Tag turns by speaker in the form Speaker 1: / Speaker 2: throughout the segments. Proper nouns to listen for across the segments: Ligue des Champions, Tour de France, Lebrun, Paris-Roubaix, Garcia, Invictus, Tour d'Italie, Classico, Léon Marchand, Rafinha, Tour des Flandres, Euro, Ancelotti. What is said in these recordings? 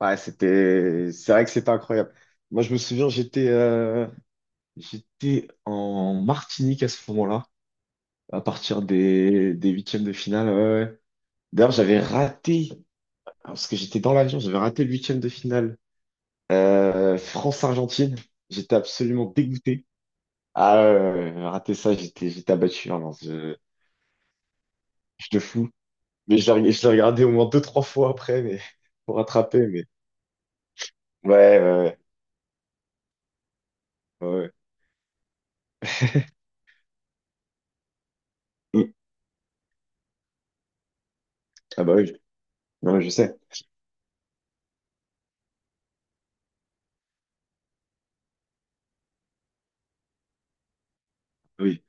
Speaker 1: Ouais, c'était, c'est vrai que c'était incroyable. Moi, je me souviens, j'étais en Martinique à ce moment-là, à partir des huitièmes de finale. Ouais, ouais. D'ailleurs, j'avais raté, parce que j'étais dans l'avion, j'avais raté le huitième de finale. France-Argentine, j'étais absolument dégoûté. Ah, ouais, ouais, ouais, ouais, raté ça, j'étais abattu. Hein, non, je te fous. Mais je l'ai regardé au moins deux, trois fois après, mais pour rattraper. Mais ouais, ouais, ouais. Ouais. Ouais. Mm. Ah bah oui, non, mais je sais. Oui.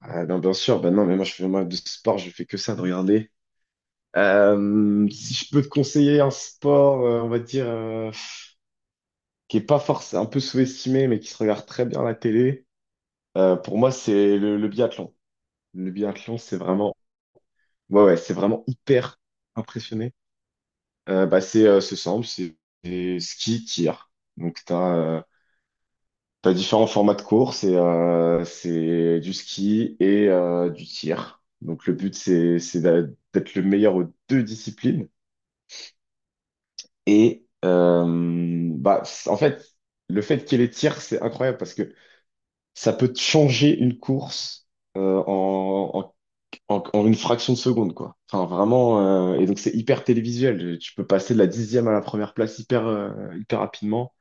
Speaker 1: Ah, non, bien sûr, ben non, mais moi je fais moi de sport, je fais que ça de regarder. Si je peux te conseiller un sport, on va dire, qui est pas forcément un peu sous-estimé, mais qui se regarde très bien à la télé, pour moi c'est le biathlon. Le biathlon, c'est vraiment, ouais, ouais, c'est vraiment hyper impressionné. Bah, c'est simple, c'est ski, tir. Donc t'as différents formats de course et c'est du ski et du tir. Donc le but c'est d'être le meilleur aux deux disciplines. Et bah en fait le fait qu'il y ait les tirs c'est incroyable parce que ça peut te changer une course euh, en, en, en une fraction de seconde quoi. Enfin vraiment et donc c'est hyper télévisuel. Tu peux passer de la 10e à la première place hyper rapidement.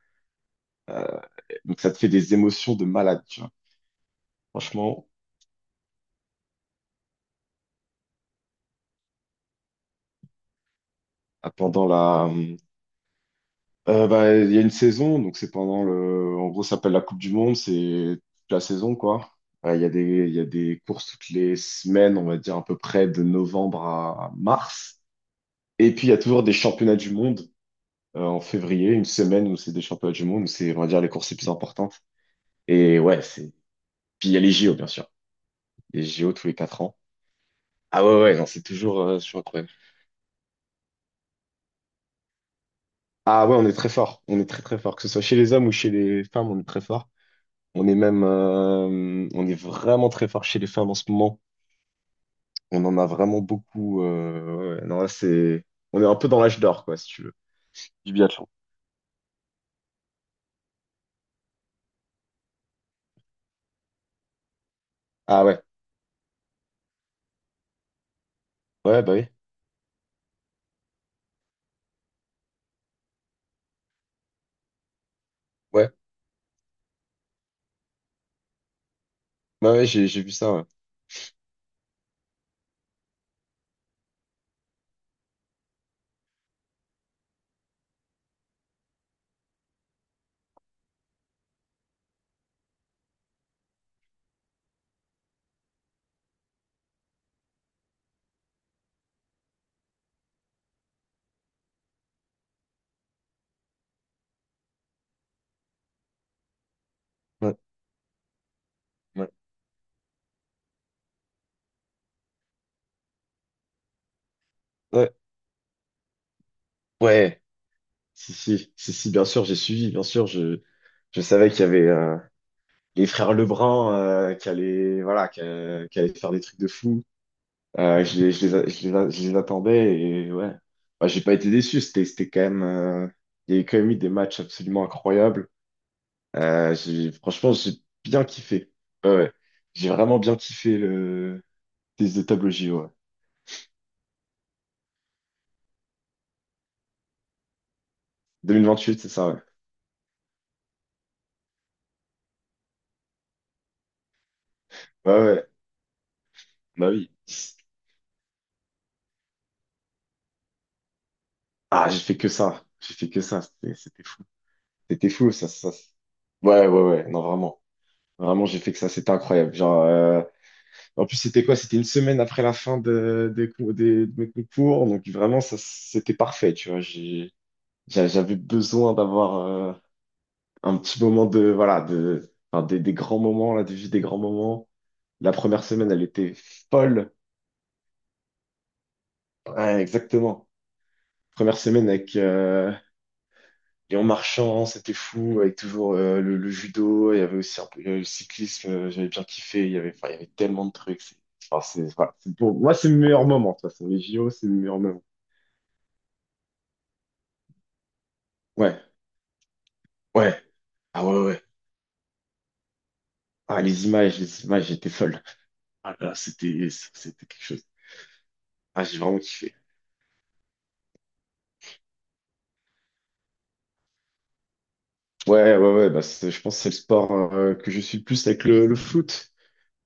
Speaker 1: Euh, donc ça te fait des émotions de malade tu vois. Franchement pendant la Bah, il y a une saison, donc c'est pendant le. En gros, ça s'appelle la Coupe du Monde, c'est toute la saison, quoi. Il y a des courses toutes les semaines, on va dire à peu près de novembre à mars. Et puis, il y a toujours des championnats du monde en février, une semaine où c'est des championnats du monde, où c'est, on va dire, les courses les plus importantes. Et ouais, c'est. Puis, il y a les JO, bien sûr. Les JO tous les 4 ans. Ah ouais, ouais, non, c'est toujours incroyable. Ah ouais, on est très fort. On est très, très fort. Que ce soit chez les hommes ou chez les femmes, on est très fort. On est même, on est vraiment très fort chez les femmes en ce moment. On en a vraiment beaucoup. Ouais. Ouais. Non, là, c'est, on est un peu dans l'âge d'or, quoi, si tu veux, du biathlon. Ah ouais, ouais, bah oui, ouais, bah ouais, j'ai vu ça. Ouais, ouais, ouais, ouais. Ouais. Si, si, si, si, bien sûr, j'ai suivi, bien sûr, je savais qu'il y avait les frères Lebrun qui allaient, voilà, qui allaient faire des trucs de fou. Je les a- je les a- Je les attendais et ouais. Bah, j'ai pas été déçu. C'était quand même. Il y a eu quand même eu des matchs absolument incroyables. Franchement, j'ai bien kiffé. Ouais, ouais. J'ai vraiment bien kiffé le des de table au JO. Ouais. 2028, c'est ça, ouais. Ouais, ouais. Bah oui. Ah, j'ai fait que ça. J'ai fait que ça. C'était fou. C'était fou, ça, ça. Ouais, ouais, ouais. Non, vraiment. Vraiment, j'ai fait que ça. C'était incroyable. Genre, en plus, c'était quoi? C'était une semaine après la fin de, des cou- des- de mes concours. Donc, vraiment, ça, c'était parfait, tu vois. J'avais besoin d'avoir un petit moment de, voilà, de, enfin, des grands moments, là, de vie des grands moments. La première semaine, elle était folle. Ouais, exactement. Première semaine avec Léon Marchand, c'était fou, avec toujours le judo. Il y avait aussi un peu le cyclisme, j'avais bien kiffé. Il y avait, enfin, il y avait tellement de trucs. Enfin, c'est, voilà, c'est pour moi, c'est le meilleur moment, de toute façon. Les JO, c'est le meilleur moment. Ouais, ouais. Ah ouais, ouais. Ouais. Ah, les images étaient folles. Ah là, c'était, c'était quelque chose. Ah, j'ai vraiment kiffé. Ouais, ouais, ouais, bah, je pense que c'est le sport que je suis le plus avec le foot.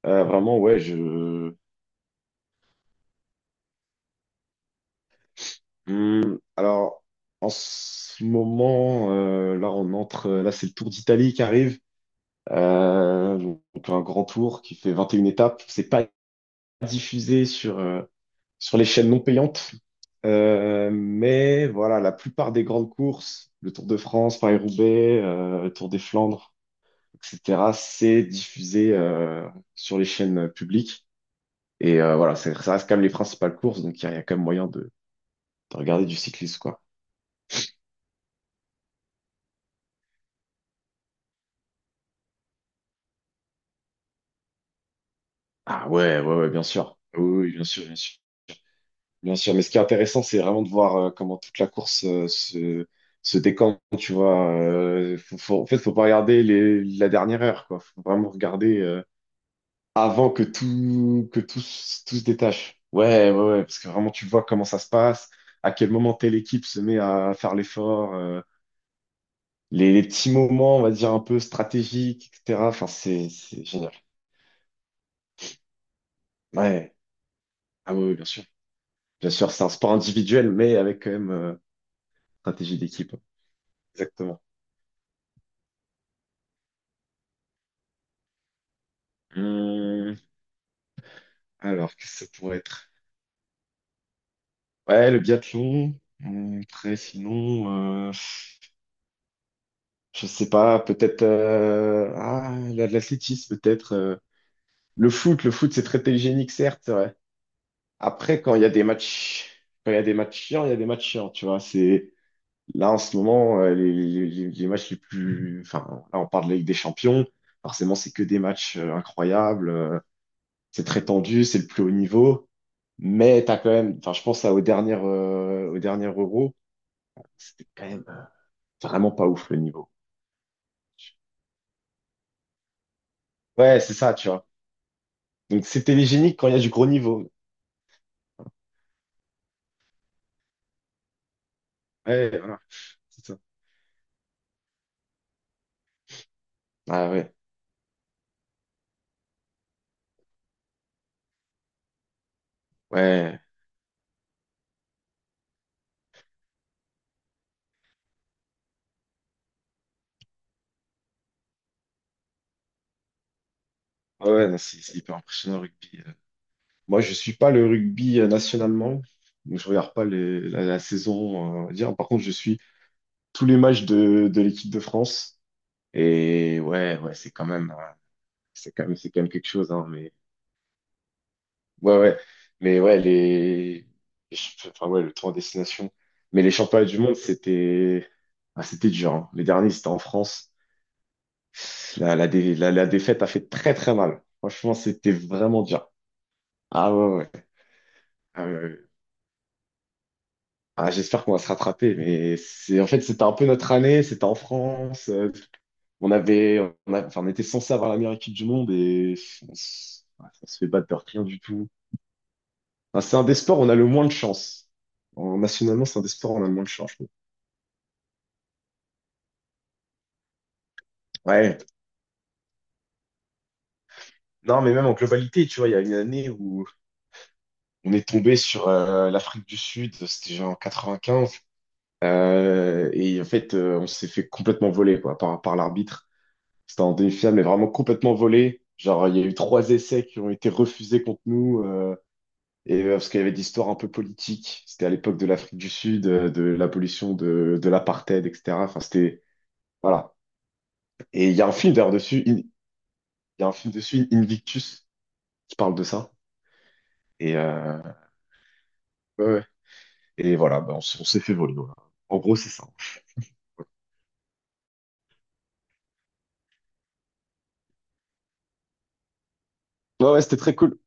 Speaker 1: Vraiment, ouais, je. Alors, en ce moment, là, on entre. Là, c'est le Tour d'Italie qui arrive. Donc, un grand tour qui fait 21 étapes. C'est pas diffusé sur les chaînes non payantes. Mais voilà, la plupart des grandes courses, le Tour de France, Paris-Roubaix, le Tour des Flandres, etc., c'est diffusé sur les chaînes publiques. Et voilà, ça reste quand même les principales courses, donc il y a quand même moyen de regarder du cyclisme, quoi. Ah ouais, ouais, ouais, bien sûr. Oui, oui, bien sûr, bien sûr. Bien sûr, mais ce qui est intéressant, c'est vraiment de voir comment toute la course se décante, tu vois. En fait, faut pas regarder la dernière heure, quoi. Faut vraiment regarder... avant tout se détache. Ouais, ouais, ouais, parce que vraiment, tu vois comment ça se passe, à quel moment telle équipe se met à faire l'effort, les petits moments, on va dire, un peu stratégiques, etc. Enfin, c'est génial. Ouais, ah oui, bien sûr. Bien sûr, c'est un sport individuel, mais avec quand même stratégie d'équipe. Exactement. Hum, alors, qu'est-ce que ça pourrait être? Ouais, le biathlon. Après, sinon, je sais pas, peut-être ah, l'athlétisme, peut-être. Le foot, c'est très télégénique, certes, c'est vrai. Après, quand il y a des matchs chiants, il y a des matchs chiants, tu vois. C'est là en ce moment les matchs les plus. Enfin, là, on parle de Ligue des Champions. Forcément, c'est que des matchs incroyables. C'est très tendu, c'est le plus haut niveau. Mais t'as quand même. Enfin, je pense au dernier Euro, c'était quand même vraiment pas ouf le niveau. Ouais, c'est ça, tu vois. Donc c'est télégénique quand il y a du gros niveau. Ouais, voilà. C'est ça. Ah ouais. Ouais. Ah ouais, non, c'est hyper impressionnant le rugby. Moi, je suis pas le rugby nationalement, donc je regarde pas la saison, on va dire. Par contre, je suis tous les matchs de l'équipe de France. Et ouais, ouais, c'est quand même, c'est quand même, c'est quand même quelque chose. Hein, mais ouais, ouais, mais ouais, enfin ouais, le tour en destination. Mais les championnats du monde, c'était, ah, c'était dur. Hein. Les derniers, c'était en France. La défaite a fait très très mal. Franchement, c'était vraiment dur. Ah ouais, ouais. Ah ouais, ouais. Ah, j'espère qu'on va se rattraper, mais c'est en fait c'était un peu notre année, c'était en France, on avait, enfin, on était censé avoir la meilleure équipe du monde et ouais, on se fait battre de rien du tout. Enfin, c'est un des sports où on a le moins de chance. Nationalement, c'est un des sports où on a le moins de chance, je trouve. Ouais. Non, mais même en globalité, tu vois, il y a une année où on est tombé sur l'Afrique du Sud, c'était genre en 95, et en fait on s'est fait complètement voler quoi par l'arbitre. C'était un finale mais vraiment complètement volé. Genre, il y a eu trois essais qui ont été refusés contre nous, et parce qu'il y avait des histoires un peu politiques. C'était à l'époque de l'Afrique du Sud, de l'abolition de l'apartheid, etc. Enfin, c'était, voilà. Et il y a un film d'ailleurs dessus, il y a un film dessus, Invictus, qui parle de ça. Et, euh, ouais, ouais. Et voilà, bah, on s'est fait voler. Voilà. En gros, c'est ça. Ouais, ouais, c'était très cool.